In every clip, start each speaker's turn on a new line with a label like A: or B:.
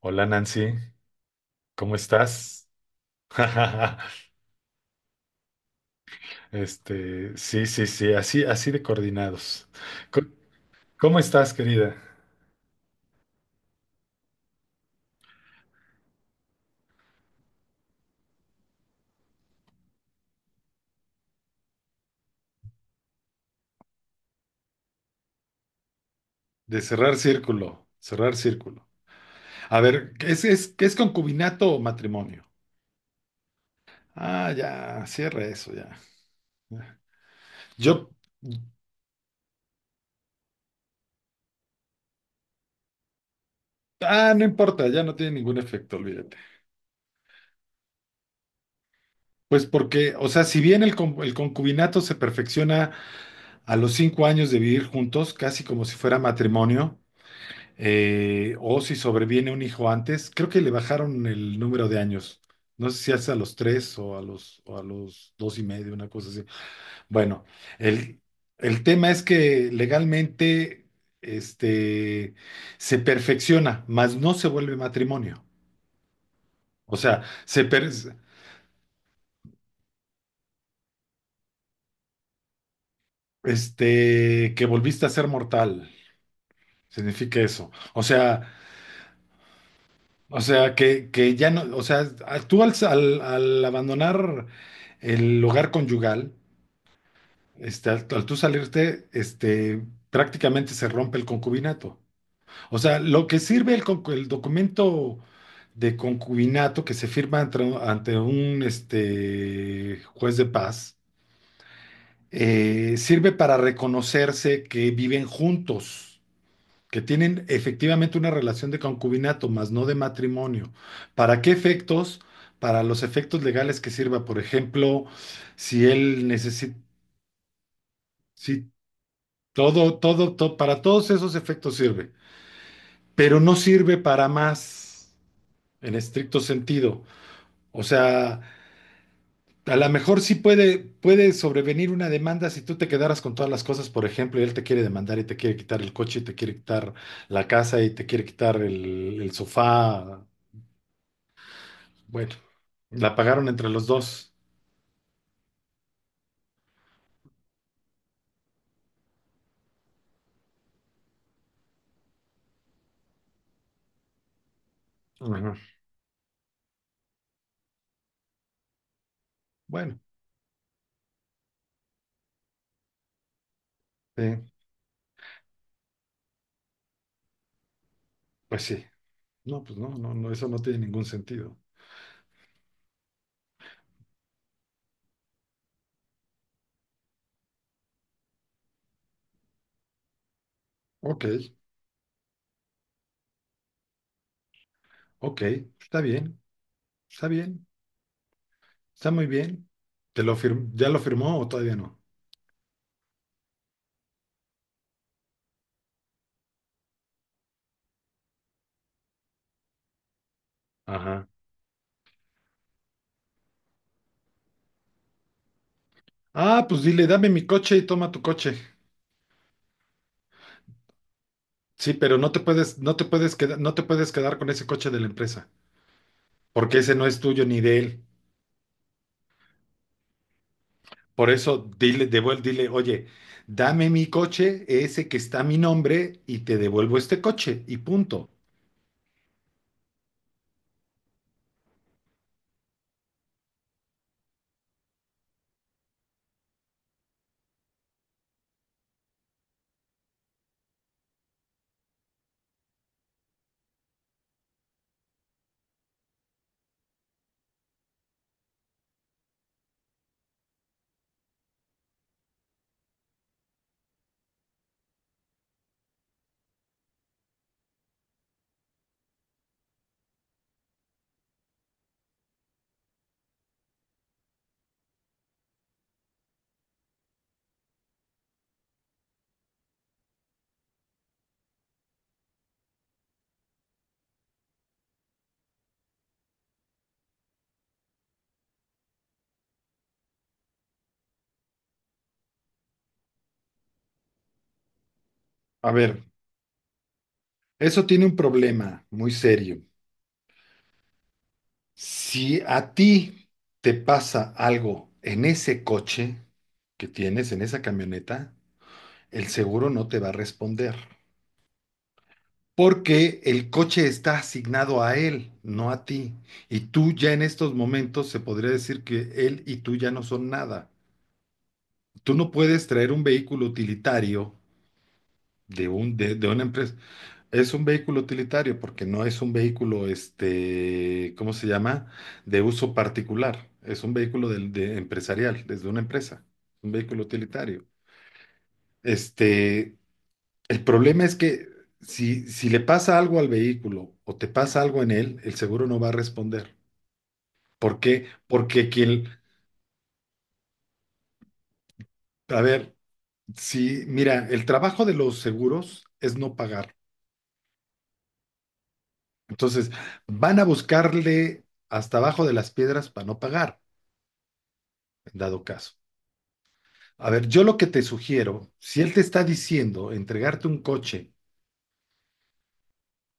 A: Hola, Nancy, ¿cómo estás? Sí, sí, sí, así, así de coordinados. Co- ¿Cómo estás, querida? De cerrar círculo, cerrar círculo. A ver, ¿qué es concubinato o matrimonio? Ah, ya, cierra eso, ya. Yo, no importa, ya no tiene ningún efecto, olvídate. Pues porque, o sea, si bien el concubinato se perfecciona a los 5 años de vivir juntos, casi como si fuera matrimonio, o si sobreviene un hijo antes, creo que le bajaron el número de años. No sé si hace a los 3 o a los 2 y medio, una cosa así. Bueno, el, el tema es que legalmente, este, se perfecciona, mas no se vuelve matrimonio. O sea, que volviste a ser mortal, significa eso. O sea, que ya no, o sea, tú al abandonar el hogar conyugal. Al tú salirte, prácticamente se rompe el concubinato. O sea, lo que sirve el documento de concubinato que se firma ante un juez de paz, sirve para reconocerse que viven juntos, que tienen efectivamente una relación de concubinato, más no de matrimonio. ¿Para qué efectos? Para los efectos legales que sirva, por ejemplo, si él necesita... Todo, todo, todo, para todos esos efectos sirve, pero no sirve para más en estricto sentido. O sea, a lo mejor sí puede sobrevenir una demanda si tú te quedaras con todas las cosas, por ejemplo, y él te quiere demandar y te quiere quitar el coche y te quiere quitar la casa y te quiere quitar el sofá. Bueno, la pagaron entre los dos. Ujú. Bueno, eh, pues sí. No, pues no, no, no, eso no tiene ningún sentido. Ok, ok, está bien, está bien. Está muy bien. ¿Ya lo firmó o todavía no? Ajá. Ah, pues dile, dame mi coche y toma tu coche. Sí, pero no te puedes quedar con ese coche de la empresa, porque ese no es tuyo ni de él. Por eso, dile, oye, dame mi coche, ese que está a mi nombre, y te devuelvo este coche, y punto. A ver, eso tiene un problema muy serio. Si a ti te pasa algo en ese coche que tienes, en esa camioneta, el seguro no te va a responder. Porque el coche está asignado a él, no a ti. Y tú ya en estos momentos se podría decir que él y tú ya no son nada. Tú no puedes traer un vehículo utilitario de una empresa. Es un vehículo utilitario porque no es un vehículo, ¿cómo se llama? De uso particular. Es un vehículo empresarial, desde una empresa. Un vehículo utilitario. Este, El problema es que si le pasa algo al vehículo o te pasa algo en él, el seguro no va a responder. ¿Por qué? A ver, si, mira, el trabajo de los seguros es no pagar. Entonces, van a buscarle hasta abajo de las piedras para no pagar, en dado caso. A ver, yo lo que te sugiero, si él te está diciendo entregarte un coche,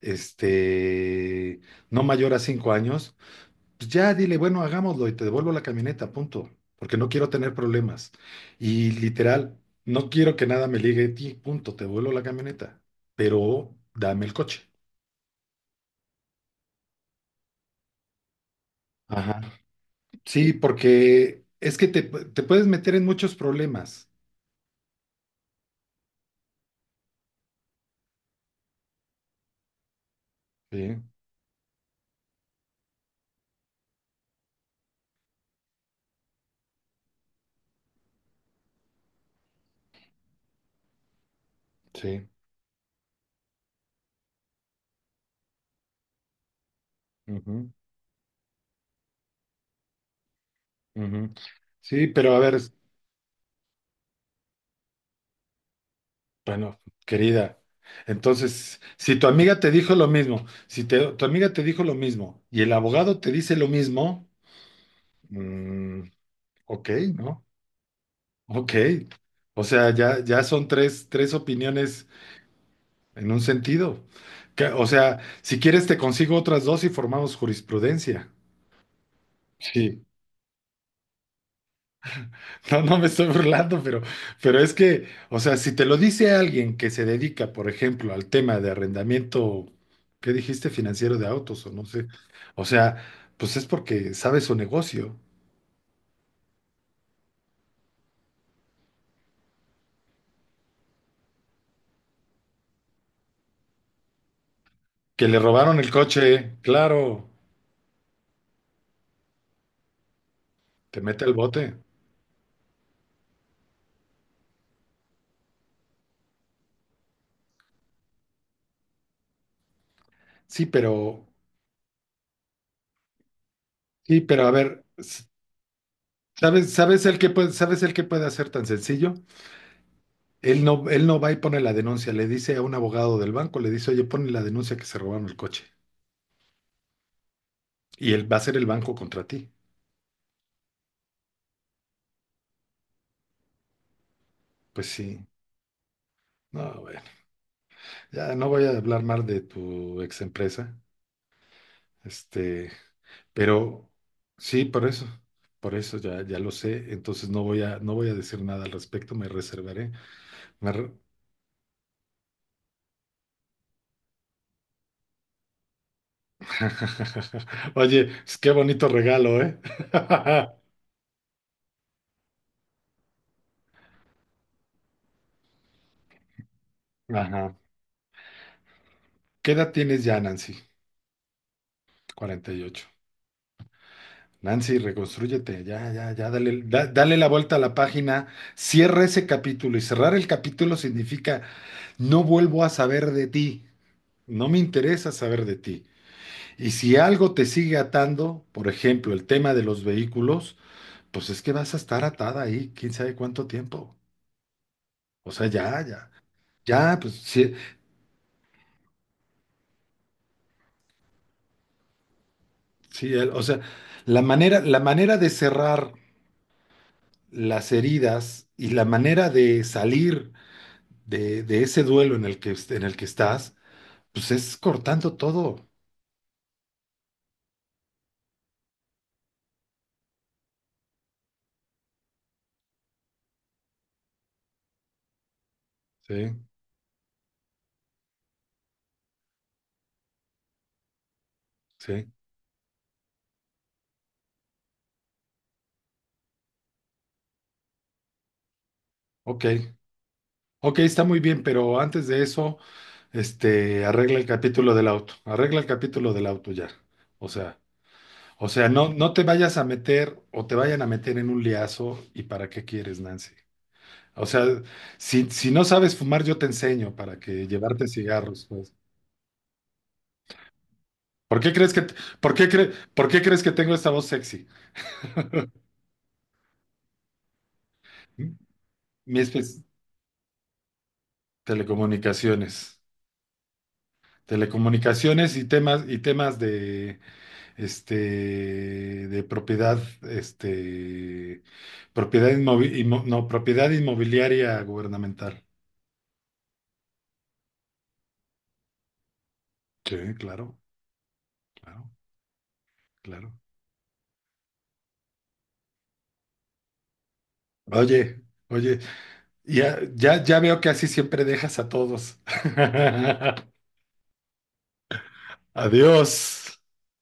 A: este, no mayor a 5 años, pues ya dile, bueno, hagámoslo y te devuelvo la camioneta, punto, porque no quiero tener problemas. Y literal, no quiero que nada me ligue a ti, punto, te devuelvo la camioneta, pero dame el coche. Ajá. Sí, porque es que te puedes meter en muchos problemas. Sí, sí. Ujú, ujú. Sí, pero a ver, bueno, querida, entonces, si tu amiga te dijo lo mismo, si te- tu amiga te dijo lo mismo y el abogado te dice lo mismo, mm, ok, ¿no? Ok, o sea, ya, ya son tres opiniones en un sentido. Que, o sea, si quieres te consigo otras dos y formamos jurisprudencia. Sí, no, no me estoy burlando, pero es que, o sea, si te lo dice alguien que se dedica, por ejemplo, al tema de arrendamiento, ¿qué dijiste? Financiero de autos o no sé. O sea, pues es porque sabe su negocio. Que le robaron el coche, claro, te mete al bote. Sí, pero, sí, pero a ver. ¿Sabes el que puede hacer tan sencillo? Él no va y pone la denuncia, le dice a un abogado del banco, le dice, oye, pone la denuncia que se robaron el coche. Y él va a ser el banco contra ti. Pues sí. No, bueno, ya no voy a hablar mal de tu ex empresa. Este, pero sí, por eso. Por eso ya, ya lo sé. Entonces no voy a decir nada al respecto, me reservaré. Me re- Oye, pues qué bonito regalo, ¿eh? Ajá. ¿Qué edad tienes ya, Nancy? 48. Nancy, reconstrúyete, ya, ya, ya, dale, dale la vuelta a la página, cierra ese capítulo y cerrar el capítulo significa no vuelvo a saber de ti, no me interesa saber de ti. Y si algo te sigue atando, por ejemplo, el tema de los vehículos, pues es que vas a estar atada ahí, quién sabe cuánto tiempo. O sea, ya, ya, ya, pues sí, sí, o sea, la manera de cerrar las heridas y la manera de salir de ese duelo en el que estás, pues es cortando todo. Sí, sí. Ok, ok, está muy bien, pero antes de eso, arregla el capítulo del auto, arregla el capítulo del auto ya. O sea, no, no te vayas a meter o te vayan a meter en un liazo y para qué quieres, Nancy. O sea, si no sabes fumar, yo te enseño para que llevarte cigarros, pues. ¿Por qué crees que, por qué crees que tengo esta voz sexy? ¿Mm? Mi espe- Telecomunicaciones. Telecomunicaciones y temas este, de propiedad, este, propiedad inmovi- inmo- no, propiedad inmobiliaria gubernamental. Sí, claro, claro, claro. Oye, oye, ya, ya, ya veo que así siempre dejas a todos. Adiós.